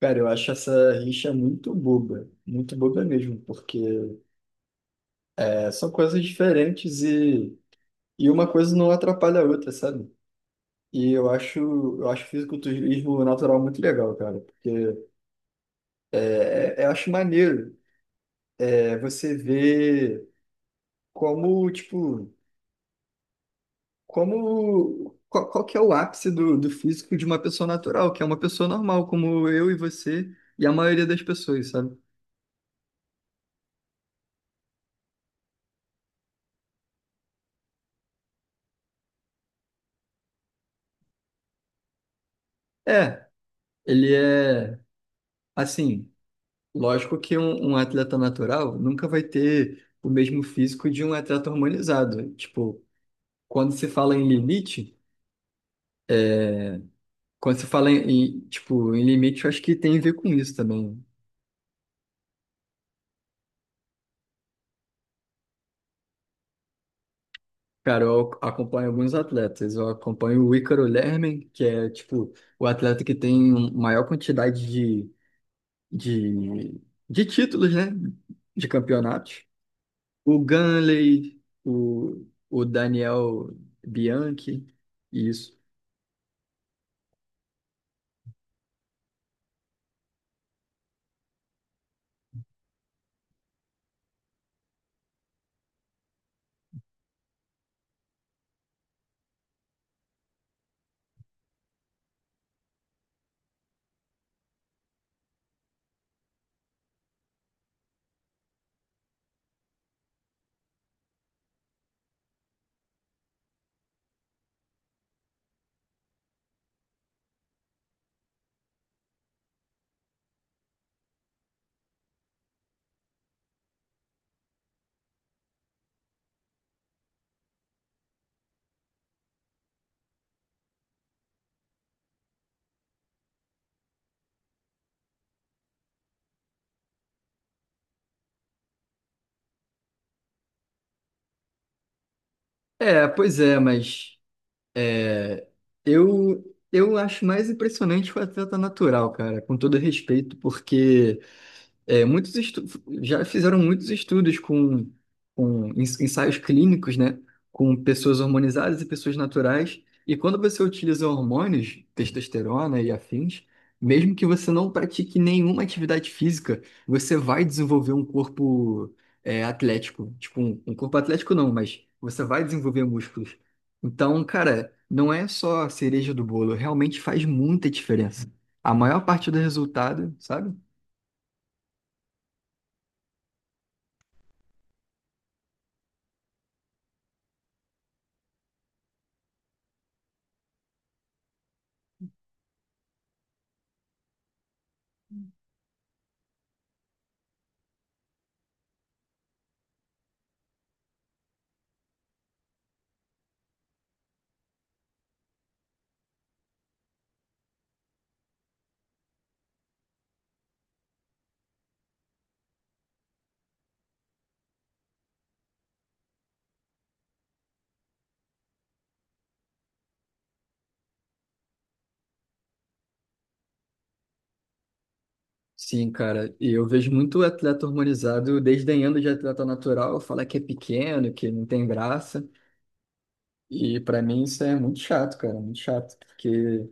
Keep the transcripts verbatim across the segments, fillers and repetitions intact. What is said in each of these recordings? Cara, eu acho essa rixa muito boba, muito boba mesmo, porque é, são coisas diferentes e, e uma coisa não atrapalha a outra, sabe? E eu acho, eu acho fisiculturismo natural muito legal, cara, porque é, é- é, eu acho maneiro é, você ver como, tipo, como, qual, qual que é o ápice do, do físico de uma pessoa natural, que é uma pessoa normal, como eu e você e a maioria das pessoas, sabe? É, ele é, assim. Lógico que um, um atleta natural nunca vai ter o mesmo físico de um atleta hormonizado. Tipo, quando se fala em limite, quando se fala em, em, tipo, em limite, eu acho que tem a ver com isso também. Cara, eu acompanho alguns atletas. Eu acompanho o Ícaro Lermen, que é, tipo, o atleta que tem um, maior quantidade de, de, de títulos, né? De campeonatos. O Ganley, o, o Daniel Bianchi, isso. É, pois é, mas é, eu eu acho mais impressionante o atleta natural, cara, com todo respeito, porque é, muitos estu- já fizeram muitos estudos com, com ens- ensaios clínicos, né? Com pessoas hormonizadas e pessoas naturais. E quando você utiliza hormônios, testosterona e afins, mesmo que você não pratique nenhuma atividade física, você vai desenvolver um corpo, é, atlético. Tipo, um, um corpo atlético não, mas você vai desenvolver músculos. Então, cara, não é só a cereja do bolo, realmente faz muita diferença. A maior parte do resultado, sabe? Sim, cara, e eu vejo muito atleta hormonizado desdenhando de atleta natural, fala que é pequeno, que não tem graça, e pra mim isso é muito chato, cara, muito chato, porque,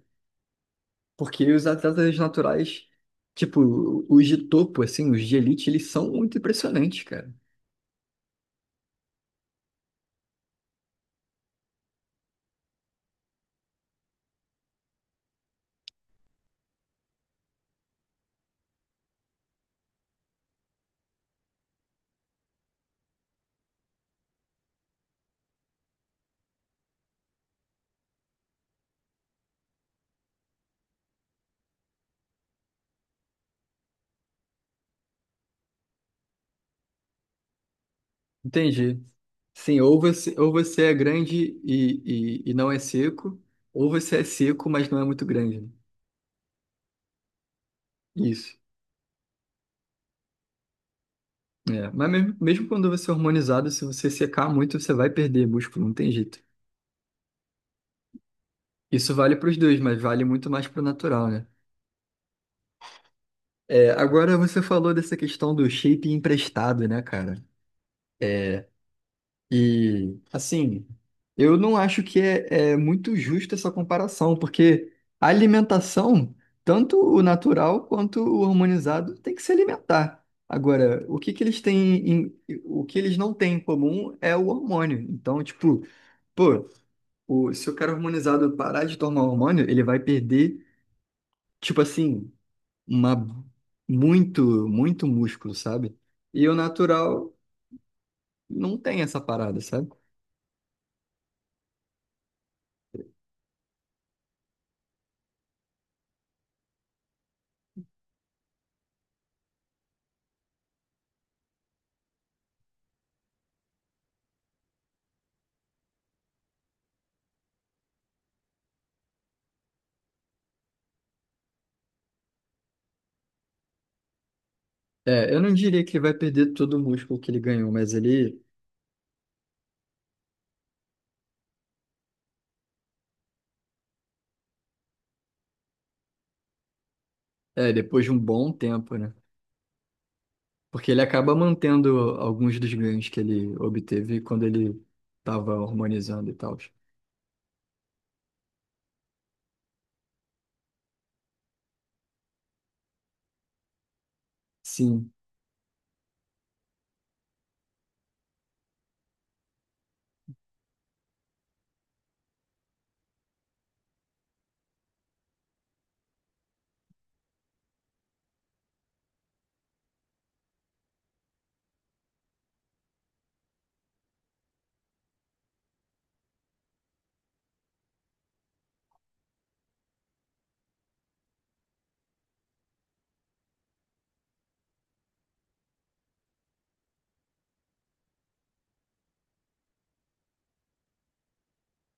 porque os atletas naturais, tipo, os de topo, assim, os de elite, eles são muito impressionantes, cara, entendi. Sim, ou você, ou você é grande e, e, e não é seco, ou você é seco, mas não é muito grande, né? Isso. É, mas mesmo, mesmo quando você é hormonizado, se você secar muito, você vai perder músculo, não tem jeito. Isso vale para os dois, mas vale muito mais para o natural, né? É, agora você falou dessa questão do shape emprestado, né, cara? É, e, assim, eu não acho que é, é muito justa essa comparação, porque a alimentação, tanto o natural quanto o hormonizado, tem que se alimentar. Agora, o que que eles têm em- o que eles não têm em comum é o hormônio. Então, tipo, pô, o, se o cara hormonizado parar de tomar hormônio, ele vai perder, tipo assim. uma muito, muito músculo, sabe? E o natural não tem essa parada, sabe? É, eu não diria que ele vai perder todo o músculo que ele ganhou, mas ele, é, depois de um bom tempo, né? Porque ele acaba mantendo alguns dos ganhos que ele obteve quando ele estava hormonizando e tal. Sim.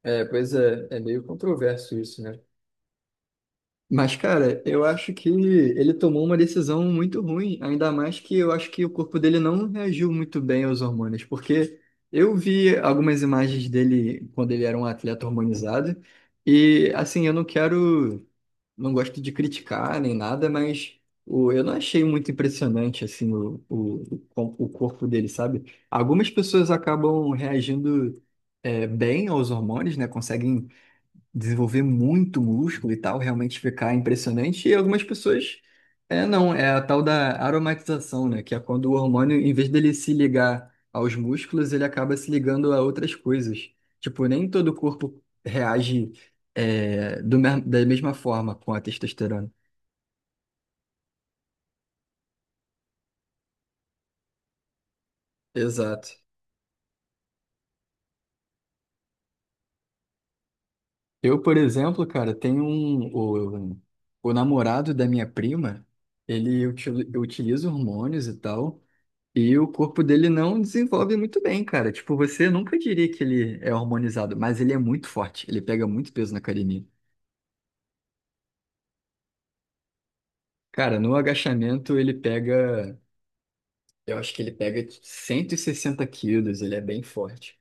É, pois é, é meio controverso isso, né? Mas, cara, eu acho que ele tomou uma decisão muito ruim, ainda mais que eu acho que o corpo dele não reagiu muito bem aos hormônios, porque eu vi algumas imagens dele quando ele era um atleta hormonizado, e assim, eu não quero, não gosto de criticar nem nada, mas o, eu não achei muito impressionante assim o, o, o com- o corpo dele, sabe? Algumas pessoas acabam reagindo é, bem aos hormônios, né? Conseguem desenvolver muito músculo e tal, realmente ficar impressionante. E algumas pessoas, é, não, é a tal da aromatização, né? Que é quando o hormônio, em vez dele se ligar aos músculos, ele acaba se ligando a outras coisas. Tipo, nem todo o corpo reage, é, do, me- da mesma forma com a testosterona. Exato. Eu, por exemplo, cara, tenho um, o, o namorado da minha prima, ele util- utiliza hormônios e tal. E o corpo dele não desenvolve muito bem, cara. Tipo, você nunca diria que ele é hormonizado, mas ele é muito forte. Ele pega muito peso na academia. Cara, no agachamento ele pega. Eu acho que ele pega cento e sessenta quilos, ele é bem forte.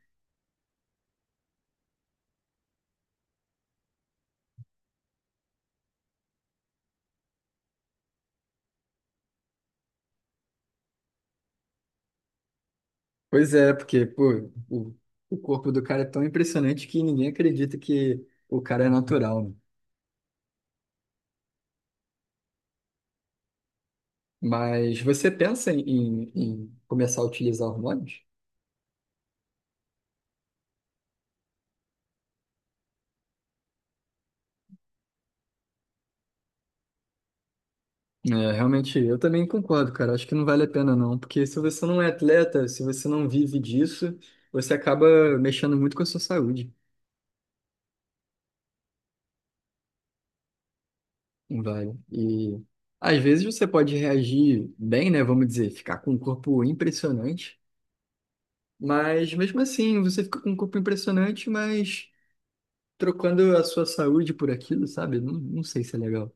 Pois é, porque, pô, o, o corpo do cara é tão impressionante que ninguém acredita que o cara é natural, né? Mas você pensa em, em em começar a utilizar hormônios? É, realmente, eu também concordo, cara. Acho que não vale a pena, não. Porque se você não é atleta, se você não vive disso, você acaba mexendo muito com a sua saúde. Não vale. E às vezes você pode reagir bem, né? Vamos dizer, ficar com um corpo impressionante. Mas mesmo assim, você fica com um corpo impressionante, mas trocando a sua saúde por aquilo, sabe? Não, não sei se é legal.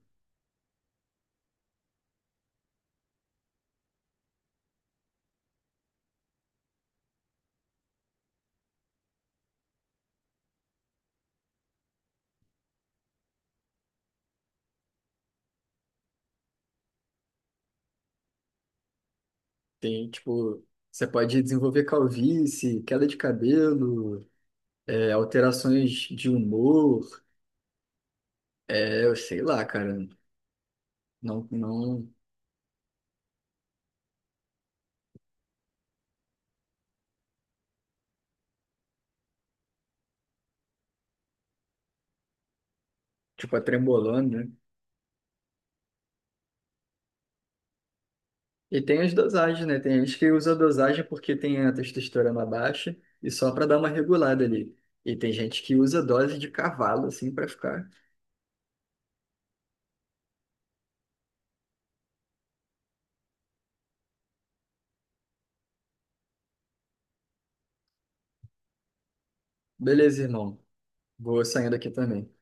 Tem, tipo, você pode desenvolver calvície, queda de cabelo, é, alterações de humor. é Eu sei lá, cara. Não, não, tipo, é trembolona, né? E tem as dosagens, né? Tem gente que usa a dosagem porque tem a testosterona baixa e só pra dar uma regulada ali. E tem gente que usa dose de cavalo, assim, pra ficar. Beleza, irmão. Vou saindo aqui também.